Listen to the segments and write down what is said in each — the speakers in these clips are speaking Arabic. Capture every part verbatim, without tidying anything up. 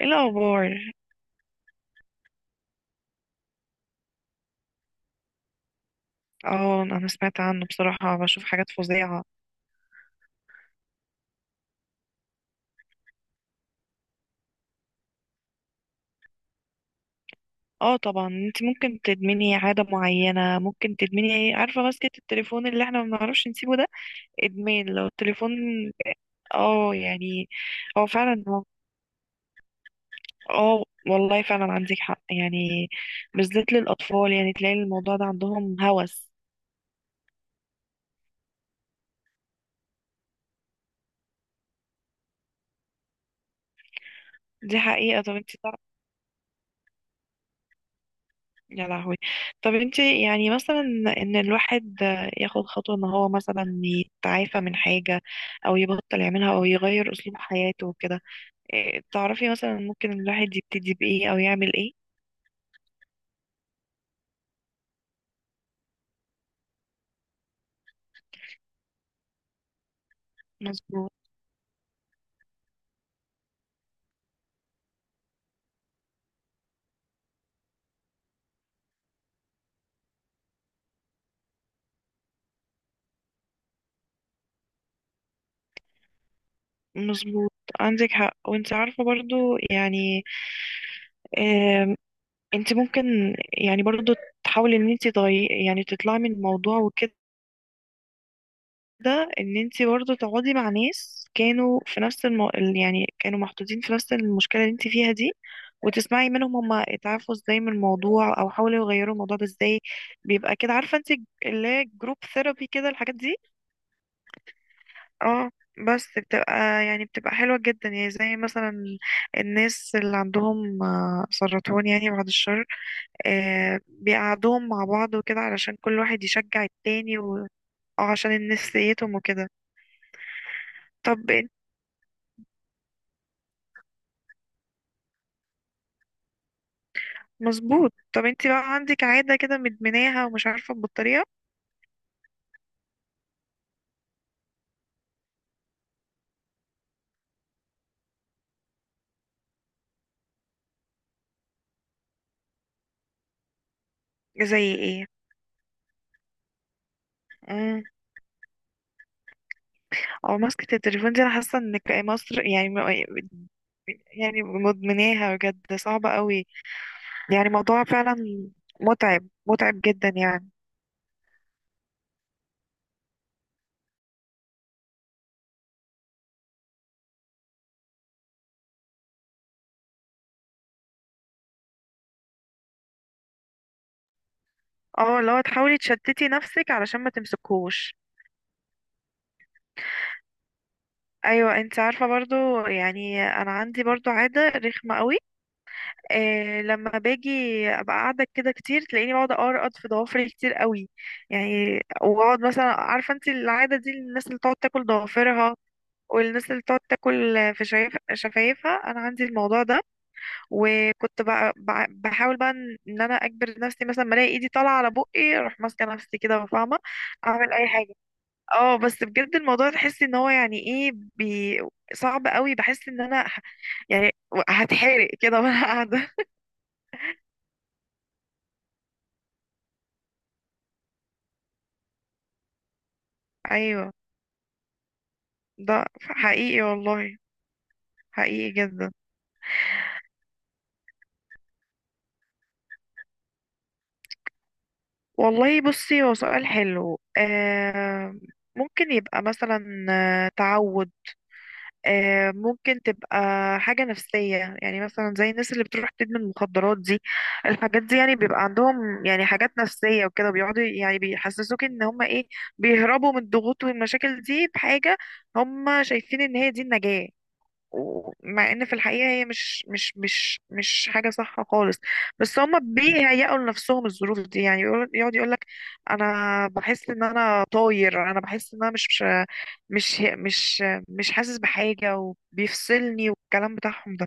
ايه الاخبار؟ اه، انا سمعت عنه بصراحة، بشوف حاجات فظيعة. اه طبعا، انت ممكن تدمني عادة معينة، ممكن تدمني ايه، عارفة؟ ماسكة التليفون اللي احنا ما بنعرفش نسيبه ده. ادمان لو التليفون. اه يعني. هو فعلا هو. اه، والله فعلا عندك حق يعني. بالذات للاطفال، يعني تلاقي الموضوع ده عندهم هوس. دي حقيقة. طب انت، يا لهوي. طب انت يعني مثلا، ان الواحد ياخد خطوة ان هو مثلا يتعافى من حاجة، او يبطل يعملها، او يغير اسلوب حياته وكده. إيه، تعرفي مثلا ممكن الواحد يبتدي بايه او يعمل ايه؟ مظبوط. مظبوط، عندك حق. وانت عارفة برضو يعني، آم، انت ممكن يعني برضو تحاولي ان انت تغيري، يعني تطلعي من الموضوع وكده. ده ان انت برضه تقعدي مع ناس كانوا في نفس الم... ال- يعني كانوا محطوطين في نفس المشكلة اللي انت فيها دي، وتسمعي منهم هما اتعافوا ازاي من الموضوع، او حاولوا يغيروا الموضوع ده ازاي. بيبقى كده، عارفة انت، اللي هي جروب ثيرابي كده، الحاجات دي. اه. بس بتبقى يعني بتبقى حلوة جدا يعني، زي مثلا الناس اللي عندهم آه، سرطان، يعني بعد الشر. آه، بيقعدوهم مع بعض وكده، علشان كل واحد يشجع التاني و... او عشان نفسيتهم وكده. طب. مظبوط. طب انت بقى عندك عادة كده مدمناها ومش عارفة تبطليها؟ زي ايه؟ امم او مسكة التليفون دي، انا حاسة ان ك- مصر يعني م- يعني مدمناها بجد، صعبة قوي. يعني موضوع فعلا متعب، متعب جدا يعني. اه، لو تحاولي تشتتي نفسك علشان ما تمسكوش. ايوه، انت عارفة برضو يعني انا عندي برضو عادة رخمة قوي. آه لما باجي ابقى قاعده كده كتير، تلاقيني بقعد ارقد في ضوافري كتير قوي. يعني واقعد مثلا، عارفه انت، العاده دي، الناس اللي تقعد تاكل ضوافرها، والناس اللي تقعد تاكل في شايف- شفايفها، انا عندي الموضوع ده. وكنت بقى بع- بحاول بقى ان إن انا اجبر نفسي، مثلا ما الاقي ايدي طالعه على بقي، اروح ماسكه نفسي كده، فاهمه. اعمل اي حاجه. اه بس بجد الموضوع، تحسي ان هو يعني ايه بي صعب قوي. بحس ان انا ه- يعني هتحرق كده وانا قاعده. ايوه. ده حقيقي والله، حقيقي جدا. والله بصي، هو سؤال حلو. آه ممكن يبقى مثلا آه، تعود، آه ممكن تبقى حاجة نفسية. يعني مثلا زي الناس اللي بتروح تدمن مخدرات دي، الحاجات دي، يعني بيبقى عندهم يعني حاجات نفسية وكده، بيقعدوا يعني بيحسسوك ان هما ايه، بيهربوا من الضغوط والمشاكل دي بحاجة. هما شايفين ان هي دي النجاة، ومع ان في الحقيقه هي مش مش مش مش حاجه صح خالص. بس هما بيهيئوا لنفسهم الظروف دي، يعني يقول- يقعد يقول لك، انا بحس ان انا طاير، انا بحس ان انا مش مش مش مش حاسس بحاجه، وبيفصلني، والكلام بتاعهم ده.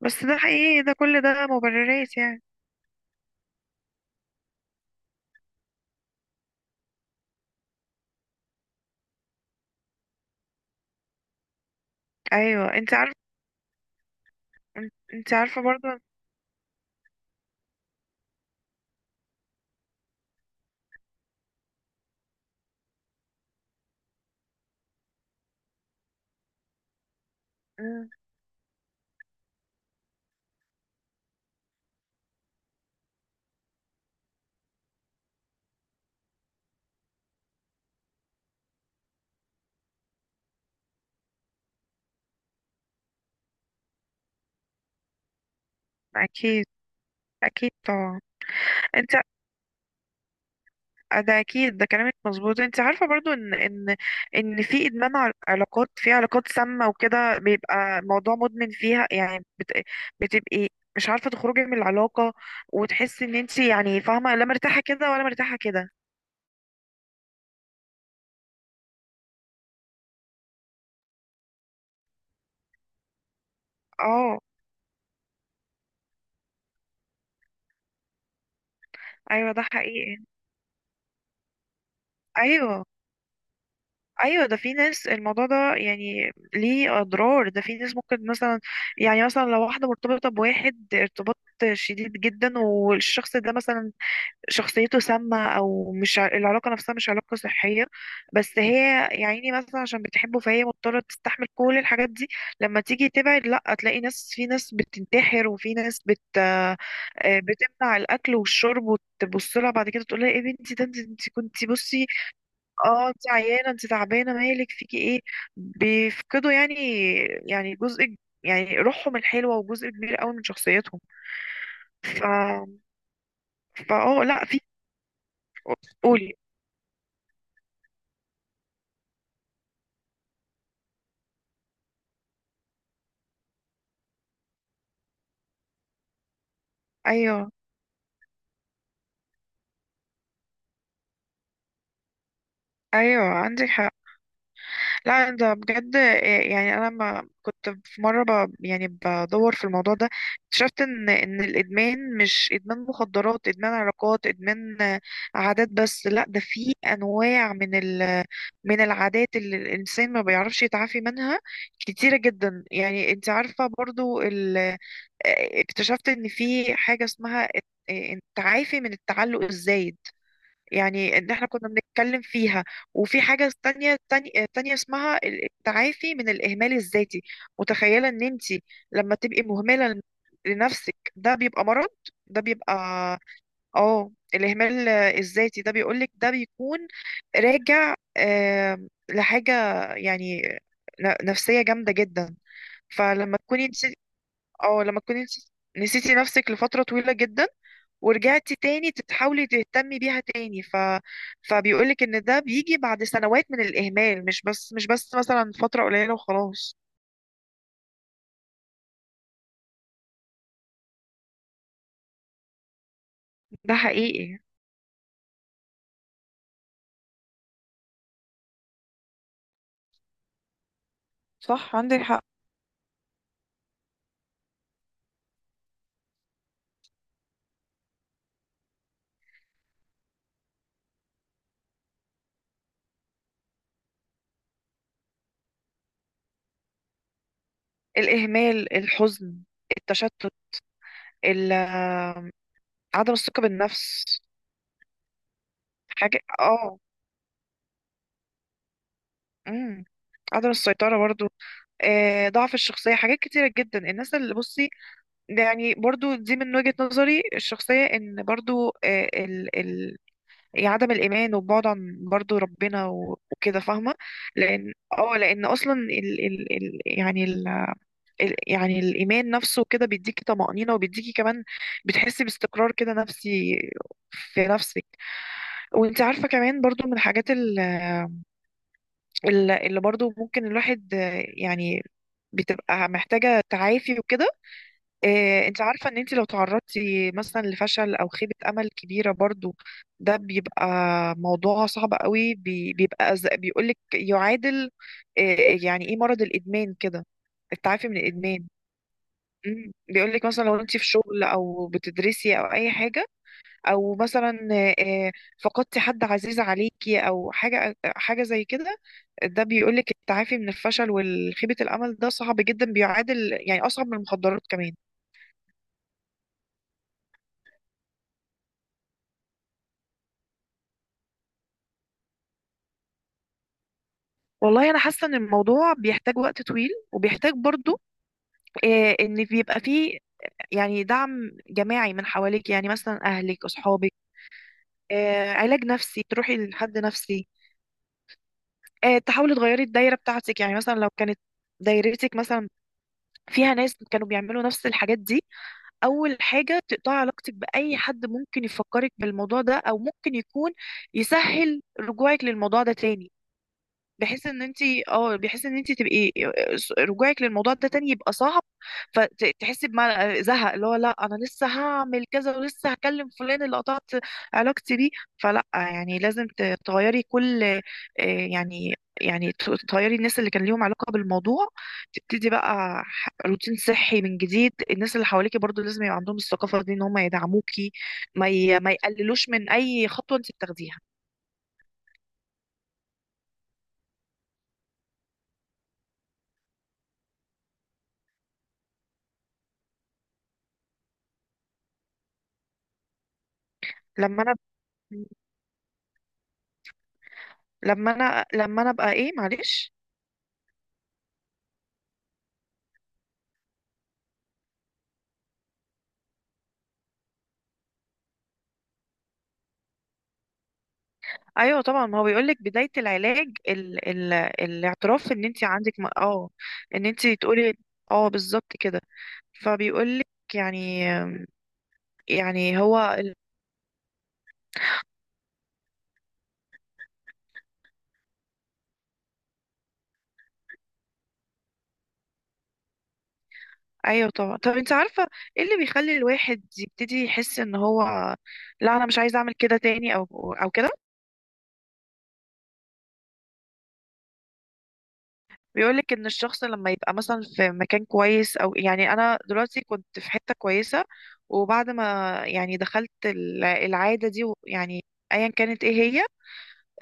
بس ده حقيقي، ده كل ده مبررات يعني. ايوه. انت عارف. انت عارفه برضه. مم، اكيد، اكيد طبعا. انت، آه، ده اكيد، ده كلامك مظبوط. انت عارفه برضو ان ان ان في ادمان ع- علاقات، في علاقات سامه وكده، بيبقى موضوع مدمن فيها، يعني بت... بتبقي مش عارفه تخرجي من العلاقه، وتحسي ان انت يعني فاهمه، لا مرتاحه كده ولا مرتاحه كده. اه، ايوه، ده حقيقي. ايوه، ايوه. ده في ناس الموضوع ده يعني ليه اضرار. ده في ناس ممكن مثلا، يعني مثلا لو واحده مرتبطه بواحد ارتباط شديد جدا، والشخص ده مثلا شخصيته سامة، أو مش ع- العلاقة نفسها مش علاقة صحية، بس هي يا عيني مثلا عشان بتحبه، فهي مضطرة تستحمل كل الحاجات دي. لما تيجي تبعد، لأ، تلاقي ناس، في ناس بتنتحر، وفي ناس بت آه، بتمنع الأكل والشرب، وتبص لها بعد كده تقول لها، ايه بنتي، ده انت انت كنتي. بصي، اه، انت عيانة، انت تعبانة، مالك فيكي ايه. بيفقدوا يعني، يعني جزء، يعني روحهم الحلوة، وجزء كبير قوي من شخصيتهم. ف فا اه لأ، في. قولي. ايوه، ايوه، عندك حق. لا ده بجد. إيه، يعني انا لما كنت في مره ب... يعني بدور في الموضوع ده، اكتشفت ان ان الادمان مش ادمان مخدرات، ادمان علاقات، ادمان آه، عادات. بس لا ده في انواع من ال... من العادات اللي الانسان ما بيعرفش يتعافي منها كتيره جدا. يعني انت عارفه برضو ال... آه، اكتشفت ان في حاجه اسمها الت- آه، التعافي من التعلق الزايد، يعني ان احنا كنا بنتكلم فيها. وفي حاجة تانية تانية, تانية اسمها ال- التعافي من الإهمال الذاتي. متخيلة ان انت لما تبقي مهملة لن- لنفسك، ده بيبقى مرض. ده بيبقى، اه، الإهمال الذاتي. ده بيقولك ده بيكون راجع آم، لحاجة يعني ن- نفسية جامدة جدا. فلما تكوني انت اه لما تكوني انت نسيتي نفسك لفترة طويلة جدا، ورجعتي تاني تحاولي تهتمي بيها تاني، ف... فبيقولك ان ده بيجي بعد سنوات من الاهمال، مش بس مش بس مثلا فترة قليلة وخلاص. ده حقيقي. صح عندك حق. الاهمال، الحزن، التشتت، ال... عدم الثقة بالنفس. حاجة اه، امم عدم السيطرة برضو. آه ضعف الشخصية، حاجات كتيرة جدا. الناس اللي، بصي، ده يعني برضو دي، من وجهة نظري الشخصية، ان برضو، آه ال- ال- إيه، عدم الايمان، وبعد عن برضو ربنا و- وكده، فاهمه. لان اه لان اصلا ال ال ال يعني ال ال يعني الايمان نفسه كده بيديكي طمأنينة، وبيديكي كمان بتحسي باستقرار كده نفسي في نفسك. وانت عارفه كمان برضو من الحاجات ال- ال- اللي برضو ممكن الواحد آه، يعني بتبقى محتاجه تعافي وكده. إيه، انت عارفة ان انت لو تعرضتي مثلا لفشل او خيبة امل كبيرة برضو، ده بيبقى موضوع صعب قوي. بي- بيبقى ز- بيقولك يعادل، إيه يعني، ايه مرض الادمان كده، التعافي من الادمان. مم. بيقولك مثلا لو انت في شغل، او بتدرسي، او اي حاجة، او مثلا إيه إيه، فقدتي حد عزيز عليكي، او حاجة حاجة زي كده. ده بيقولك التعافي من الفشل والخيبة الامل ده صعب جدا، بيعادل يعني اصعب من المخدرات كمان. والله انا حاسه ان الموضوع بيحتاج وقت طويل، وبيحتاج برضو آه، ان بيبقى فيه يعني دعم جماعي من حواليك، يعني مثلا اهلك، اصحابك. آه، علاج نفسي، تروحي لحد نفسي. آه، تحاولي تغيري الدايره بتاعتك، يعني مثلا لو كانت دايرتك مثلا فيها ناس كانوا بيعملوا نفس الحاجات دي، اول حاجه تقطعي علاقتك باي حد ممكن يفكرك بالموضوع ده، او ممكن يكون يسهل رجوعك للموضوع ده تاني. بحيث ان انت، اه، بحيث ان انت تبقي رجوعك للموضوع ده تاني يبقى صعب، فتحسي بمعنى زهق، اللي هو لا انا لسه هعمل كذا، ولسه هكلم فلان اللي قطعت علاقتي بيه. فلا، يعني لازم ت- تغيري كل آه، يعني، يعني ت- تغيري الناس اللي كان ليهم علاقة بالموضوع. تبتدي بقى ح- روتين صحي من جديد. الناس اللي حواليكي برضو لازم يبقى عندهم الثقافة دي، ان هم يدعموكي، ما ي- ما يقللوش من اي خطوة انت بتاخديها. لما انا، لما انا لما انا ابقى ايه، معلش. ايوه طبعا، ما هو بيقول لك بدايه العلاج، ال... ال... الاعتراف، ان انت عندك م- اه ان انت تقولي. اه، بالظبط كده. فبيقول لك، يعني، يعني هو ال... ايوه طبعا. طب انت عارفه ايه اللي بيخلي الواحد يبتدي يحس ان هو، لا انا مش عايز اعمل كده تاني، او او كده؟ بيقولك ان الشخص لما يبقى مثلا في مكان كويس، او يعني انا دلوقتي كنت في حتة كويسة، وبعد ما يعني دخلت ال- العادة دي و- يعني ايا كانت ايه هي،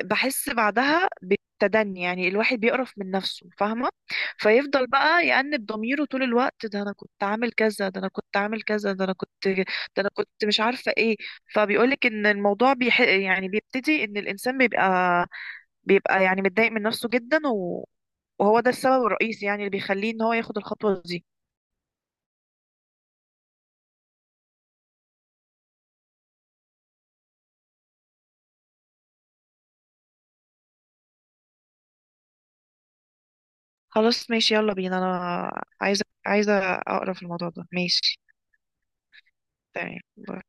بحس بعدها بالتدني. يعني الواحد بيقرف من نفسه، فاهمة؟ فيفضل بقى يأنب ضميره طول الوقت، ده انا كنت عامل كذا، ده انا كنت عامل كذا، ده انا كنت ده، انا كنت مش عارفة ايه. فبيقولك ان الموضوع بيح... يعني بيبتدي ان الانسان بيبقى بيبقى يعني متضايق من نفسه جدا، وهو ده السبب الرئيسي يعني اللي بيخليه ان هو ياخد الخطوة دي. خلاص ماشي، يلا بينا، انا عايزة، عايزة اقرا في الموضوع ده. ماشي. تمام.